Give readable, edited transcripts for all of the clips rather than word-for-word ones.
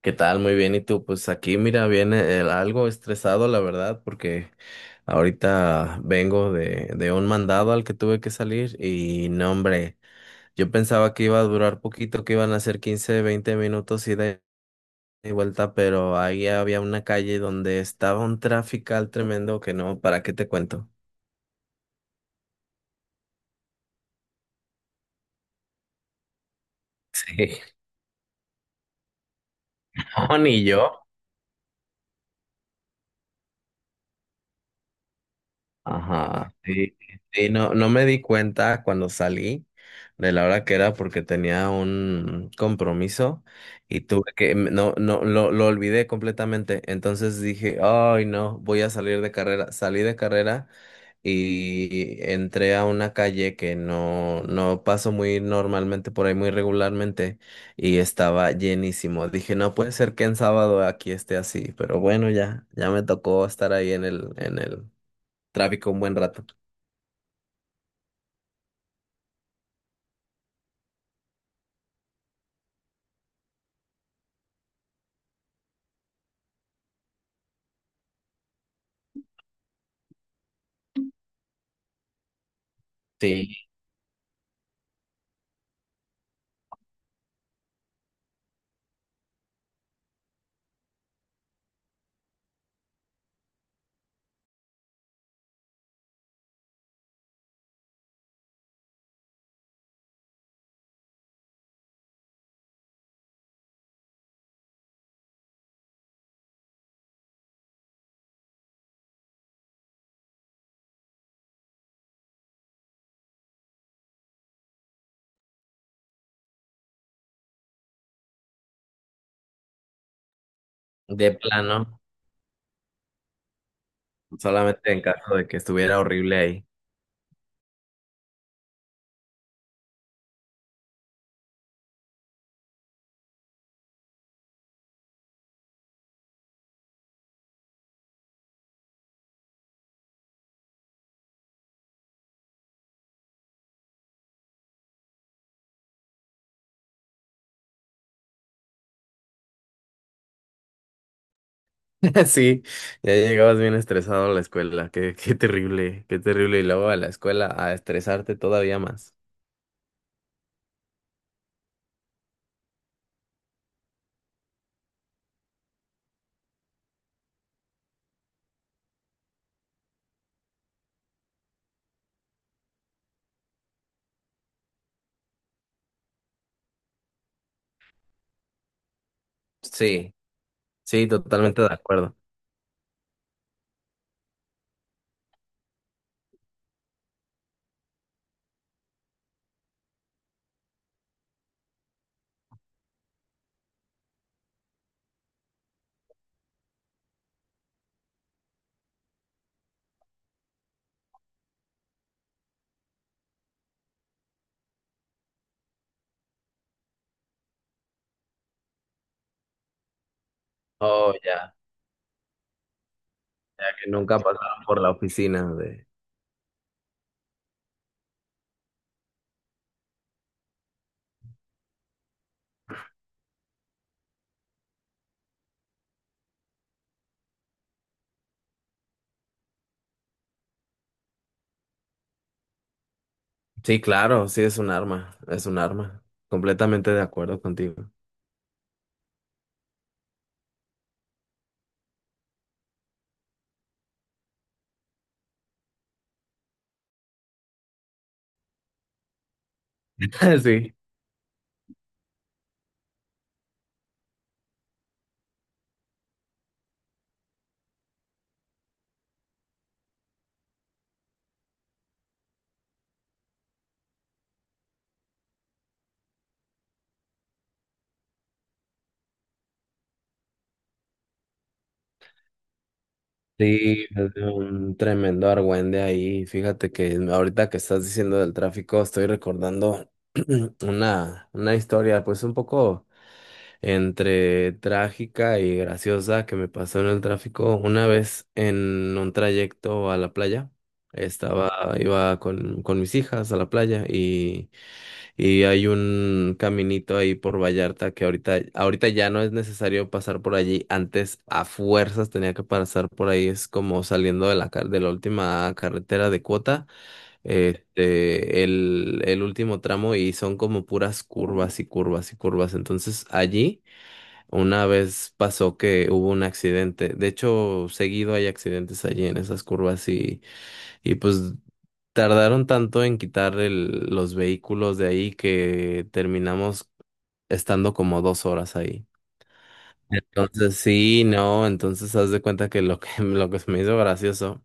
¿Qué tal? Muy bien. ¿Y tú? Pues aquí, mira, algo estresado, la verdad, porque ahorita vengo de un mandado al que tuve que salir y, no, hombre, yo pensaba que iba a durar poquito, que iban a ser 15, 20 minutos ida y vuelta, pero ahí había una calle donde estaba un trafical tremendo que, no, ¿para qué te cuento? Sí, no, ni yo. Ajá, sí, sí, no me di cuenta cuando salí de la hora que era porque tenía un compromiso y tuve que, no, no, lo olvidé completamente. Entonces dije, ay, no, voy a salir de carrera. Salí de carrera y entré a una calle que no paso muy normalmente por ahí, muy regularmente, y estaba llenísimo. Dije, no puede ser que en sábado aquí esté así, pero bueno, ya me tocó estar ahí en en el tráfico un buen rato. Sí, de plano, solamente en caso de que estuviera horrible ahí. Sí, ya llegabas bien estresado a la escuela. Qué, qué terrible, qué terrible. Y luego a la escuela a estresarte todavía más. Sí, sí, totalmente de acuerdo. Oh, ya que nunca pasaron por la oficina de... Sí, claro, sí, es un arma, es un arma. Completamente de acuerdo contigo. Sí. Sí, es de un tremendo argüende ahí. Fíjate que ahorita que estás diciendo del tráfico, estoy recordando una historia, pues un poco entre trágica y graciosa que me pasó en el tráfico. Una vez en un trayecto a la playa, estaba, iba con mis hijas a la playa y hay un caminito ahí por Vallarta que ahorita ya no es necesario pasar por allí. Antes a fuerzas tenía que pasar por ahí. Es como saliendo de la última carretera de cuota, este, el último tramo y son como puras curvas y curvas y curvas. Entonces allí una vez pasó que hubo un accidente. De hecho, seguido hay accidentes allí en esas curvas, y pues tardaron tanto en quitar los vehículos de ahí que terminamos estando como 2 horas ahí. Entonces, sí, no, entonces haz de cuenta que lo que se me hizo gracioso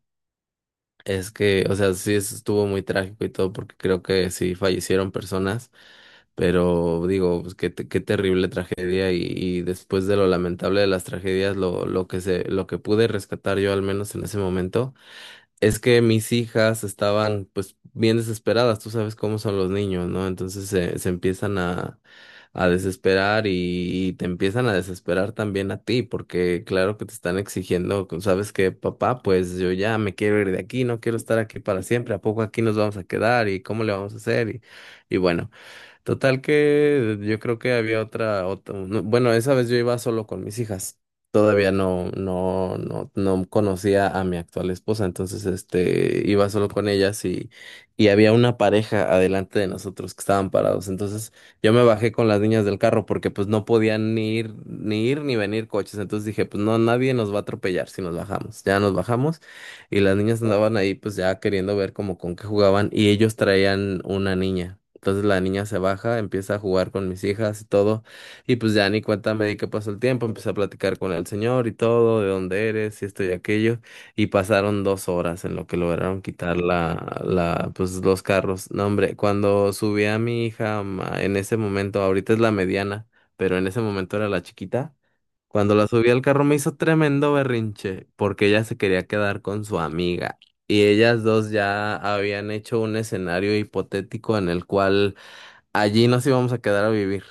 es que, o sea, sí, eso estuvo muy trágico y todo, porque creo que sí fallecieron personas, pero digo, pues, qué terrible tragedia y después de lo lamentable de las tragedias, lo que pude rescatar yo al menos en ese momento es que mis hijas estaban pues bien desesperadas, tú sabes cómo son los niños, ¿no? Entonces se empiezan a desesperar, y te empiezan a desesperar también a ti, porque claro que te están exigiendo, ¿sabes qué, papá? Pues yo ya me quiero ir de aquí, no quiero estar aquí para siempre, ¿a poco aquí nos vamos a quedar? ¿Y cómo le vamos a hacer? Y bueno. Total que yo creo que había otra, otra, no, bueno, esa vez yo iba solo con mis hijas. Todavía no conocía a mi actual esposa, entonces este iba solo con ellas, y había una pareja adelante de nosotros que estaban parados. Entonces yo me bajé con las niñas del carro porque pues no podían ni ir, ni venir coches. Entonces dije, pues no, nadie nos va a atropellar si nos bajamos. Ya nos bajamos y las niñas andaban ahí pues ya queriendo ver como con qué jugaban y ellos traían una niña. Entonces la niña se baja, empieza a jugar con mis hijas y todo, y pues ya ni cuenta me di que pasó el tiempo, empecé a platicar con el señor y todo, de dónde eres, y esto y aquello, y pasaron 2 horas en lo que lograron quitar pues los carros. No, hombre, cuando subí a mi hija, en ese momento, ahorita es la mediana, pero en ese momento era la chiquita, cuando la subí al carro me hizo tremendo berrinche, porque ella se quería quedar con su amiga. Y ellas dos ya habían hecho un escenario hipotético en el cual allí nos íbamos a quedar a vivir.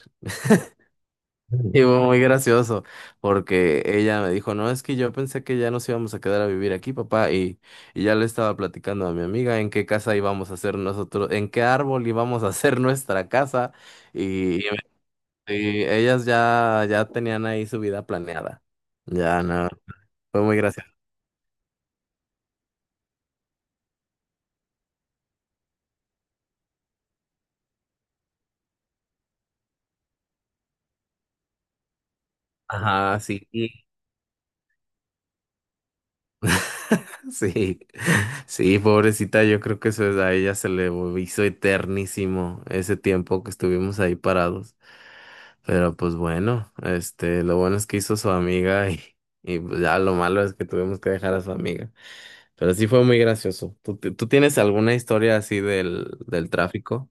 Y fue muy gracioso, porque ella me dijo, no, es que yo pensé que ya nos íbamos a quedar a vivir aquí, papá, y ya le estaba platicando a mi amiga en qué casa íbamos a hacer nosotros, en qué árbol íbamos a hacer nuestra casa, y y ellas ya tenían ahí su vida planeada. Ya, no, fue muy gracioso. Ajá, sí. Sí, sí, pobrecita, yo creo que a ella se le hizo eternísimo ese tiempo que estuvimos ahí parados. Pero pues bueno, este, lo bueno es que hizo su amiga, y pues ya lo malo es que tuvimos que dejar a su amiga. Pero sí fue muy gracioso. ¿Tú tienes alguna historia así del tráfico?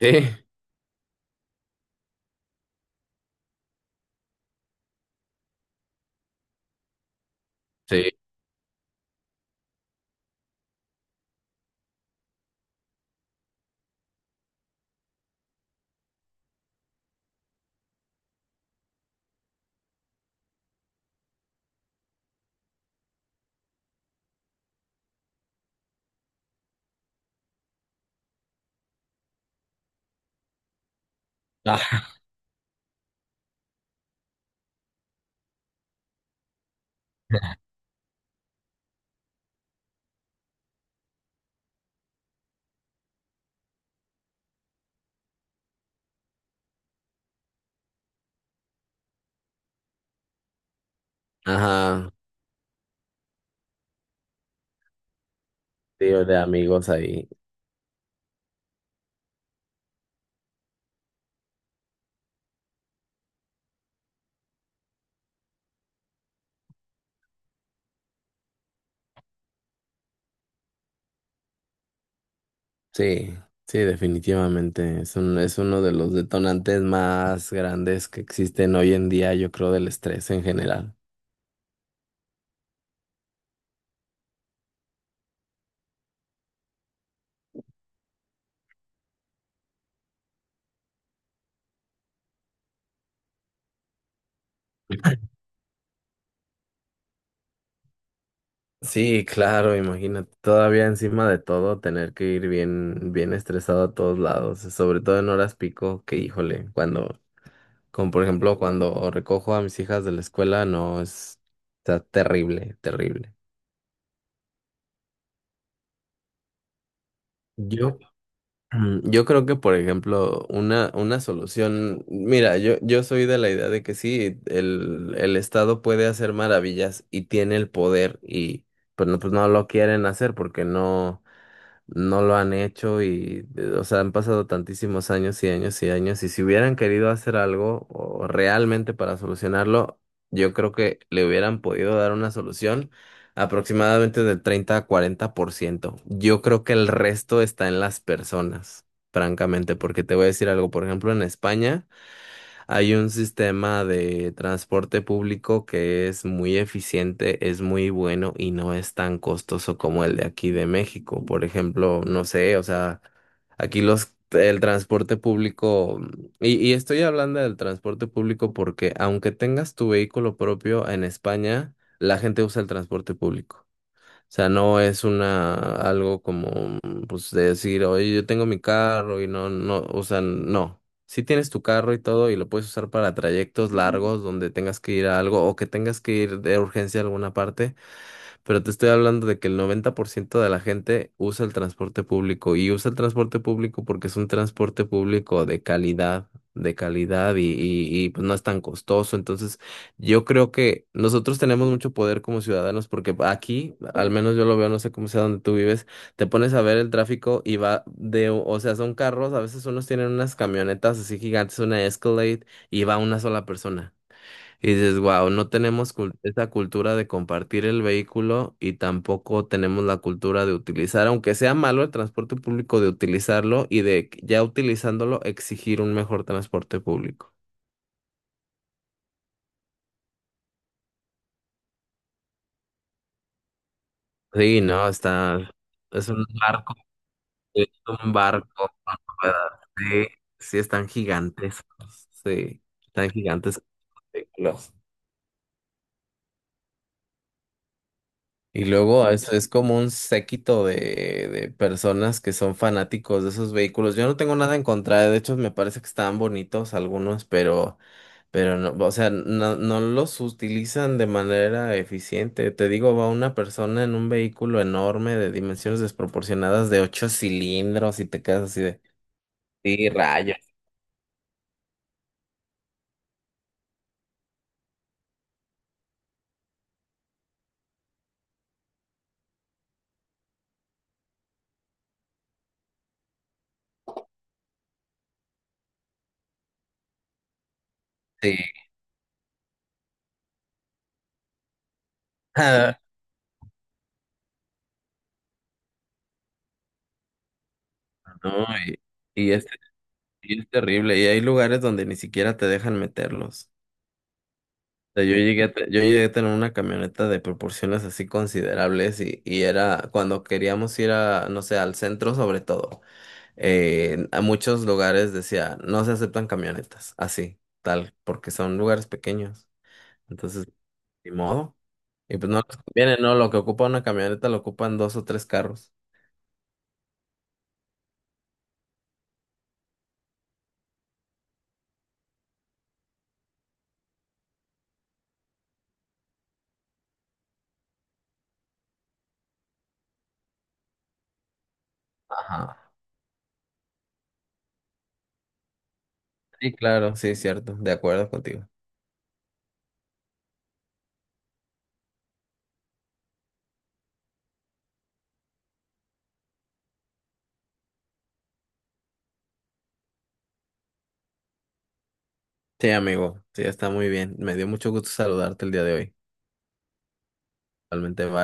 Sí, sí. Ajá, tío, de amigos ahí. Sí, sí, definitivamente. Es es uno de los detonantes más grandes que existen hoy en día, yo creo, del estrés en general. Sí, claro, imagínate, todavía encima de todo tener que ir bien, bien estresado a todos lados, sobre todo en horas pico, que híjole, cuando, como por ejemplo, cuando recojo a mis hijas de la escuela, no es, está terrible, terrible. Yo Yo creo que, por ejemplo, una solución, mira, yo soy de la idea de que sí, el Estado puede hacer maravillas y tiene el poder y pues no lo quieren hacer porque no lo han hecho y, o sea, han pasado tantísimos años y años y años, y si hubieran querido hacer algo o realmente para solucionarlo, yo creo que le hubieran podido dar una solución aproximadamente del 30 a 40%. Yo creo que el resto está en las personas, francamente, porque te voy a decir algo, por ejemplo, en España. Hay un sistema de transporte público que es muy eficiente, es muy bueno y no es tan costoso como el de aquí de México. Por ejemplo, no sé, o sea, aquí los el transporte público, y estoy hablando del transporte público porque aunque tengas tu vehículo propio en España, la gente usa el transporte público, sea, no es una algo como, pues, de decir, oye, yo tengo mi carro y no, no, o sea, no. Si tienes tu carro y todo y lo puedes usar para trayectos largos donde tengas que ir a algo o que tengas que ir de urgencia a alguna parte, pero te estoy hablando de que el 90% de la gente usa el transporte público y usa el transporte público porque es un transporte público de calidad, de calidad, pues no es tan costoso. Entonces, yo creo que nosotros tenemos mucho poder como ciudadanos porque aquí, al menos yo lo veo, no sé cómo sea donde tú vives, te pones a ver el tráfico y va de, o sea, son carros, a veces unos tienen unas camionetas así gigantes, una Escalade, y va una sola persona. Y dices, wow, no tenemos esa cultura de compartir el vehículo y tampoco tenemos la cultura de utilizar, aunque sea malo el transporte público, de utilizarlo y de que ya utilizándolo exigir un mejor transporte público. Sí, no, está, es un barco, es un barco con ruedas, sí, sí están gigantes, sí, están gigantes. Y luego es como un séquito de personas que son fanáticos de esos vehículos. Yo no tengo nada en contra, de hecho me parece que están bonitos algunos, pero no, o sea, no, no los utilizan de manera eficiente. Te digo, va una persona en un vehículo enorme de dimensiones desproporcionadas de ocho cilindros y te quedas así de, sí, rayos, sí. No, y es, y es terrible. Y hay lugares donde ni siquiera te dejan meterlos. Sea, yo llegué a tener una camioneta de proporciones así considerables, y era cuando queríamos ir a, no sé, al centro sobre todo, a muchos lugares decía, no se aceptan camionetas, así, tal, porque son lugares pequeños. Entonces, ni modo. Y pues no les conviene, no, lo que ocupa una camioneta lo ocupan dos o tres carros. Ajá. Sí, claro, sí, cierto, de acuerdo contigo. Sí, amigo, sí, está muy bien. Me dio mucho gusto saludarte el día de hoy. Realmente, bye.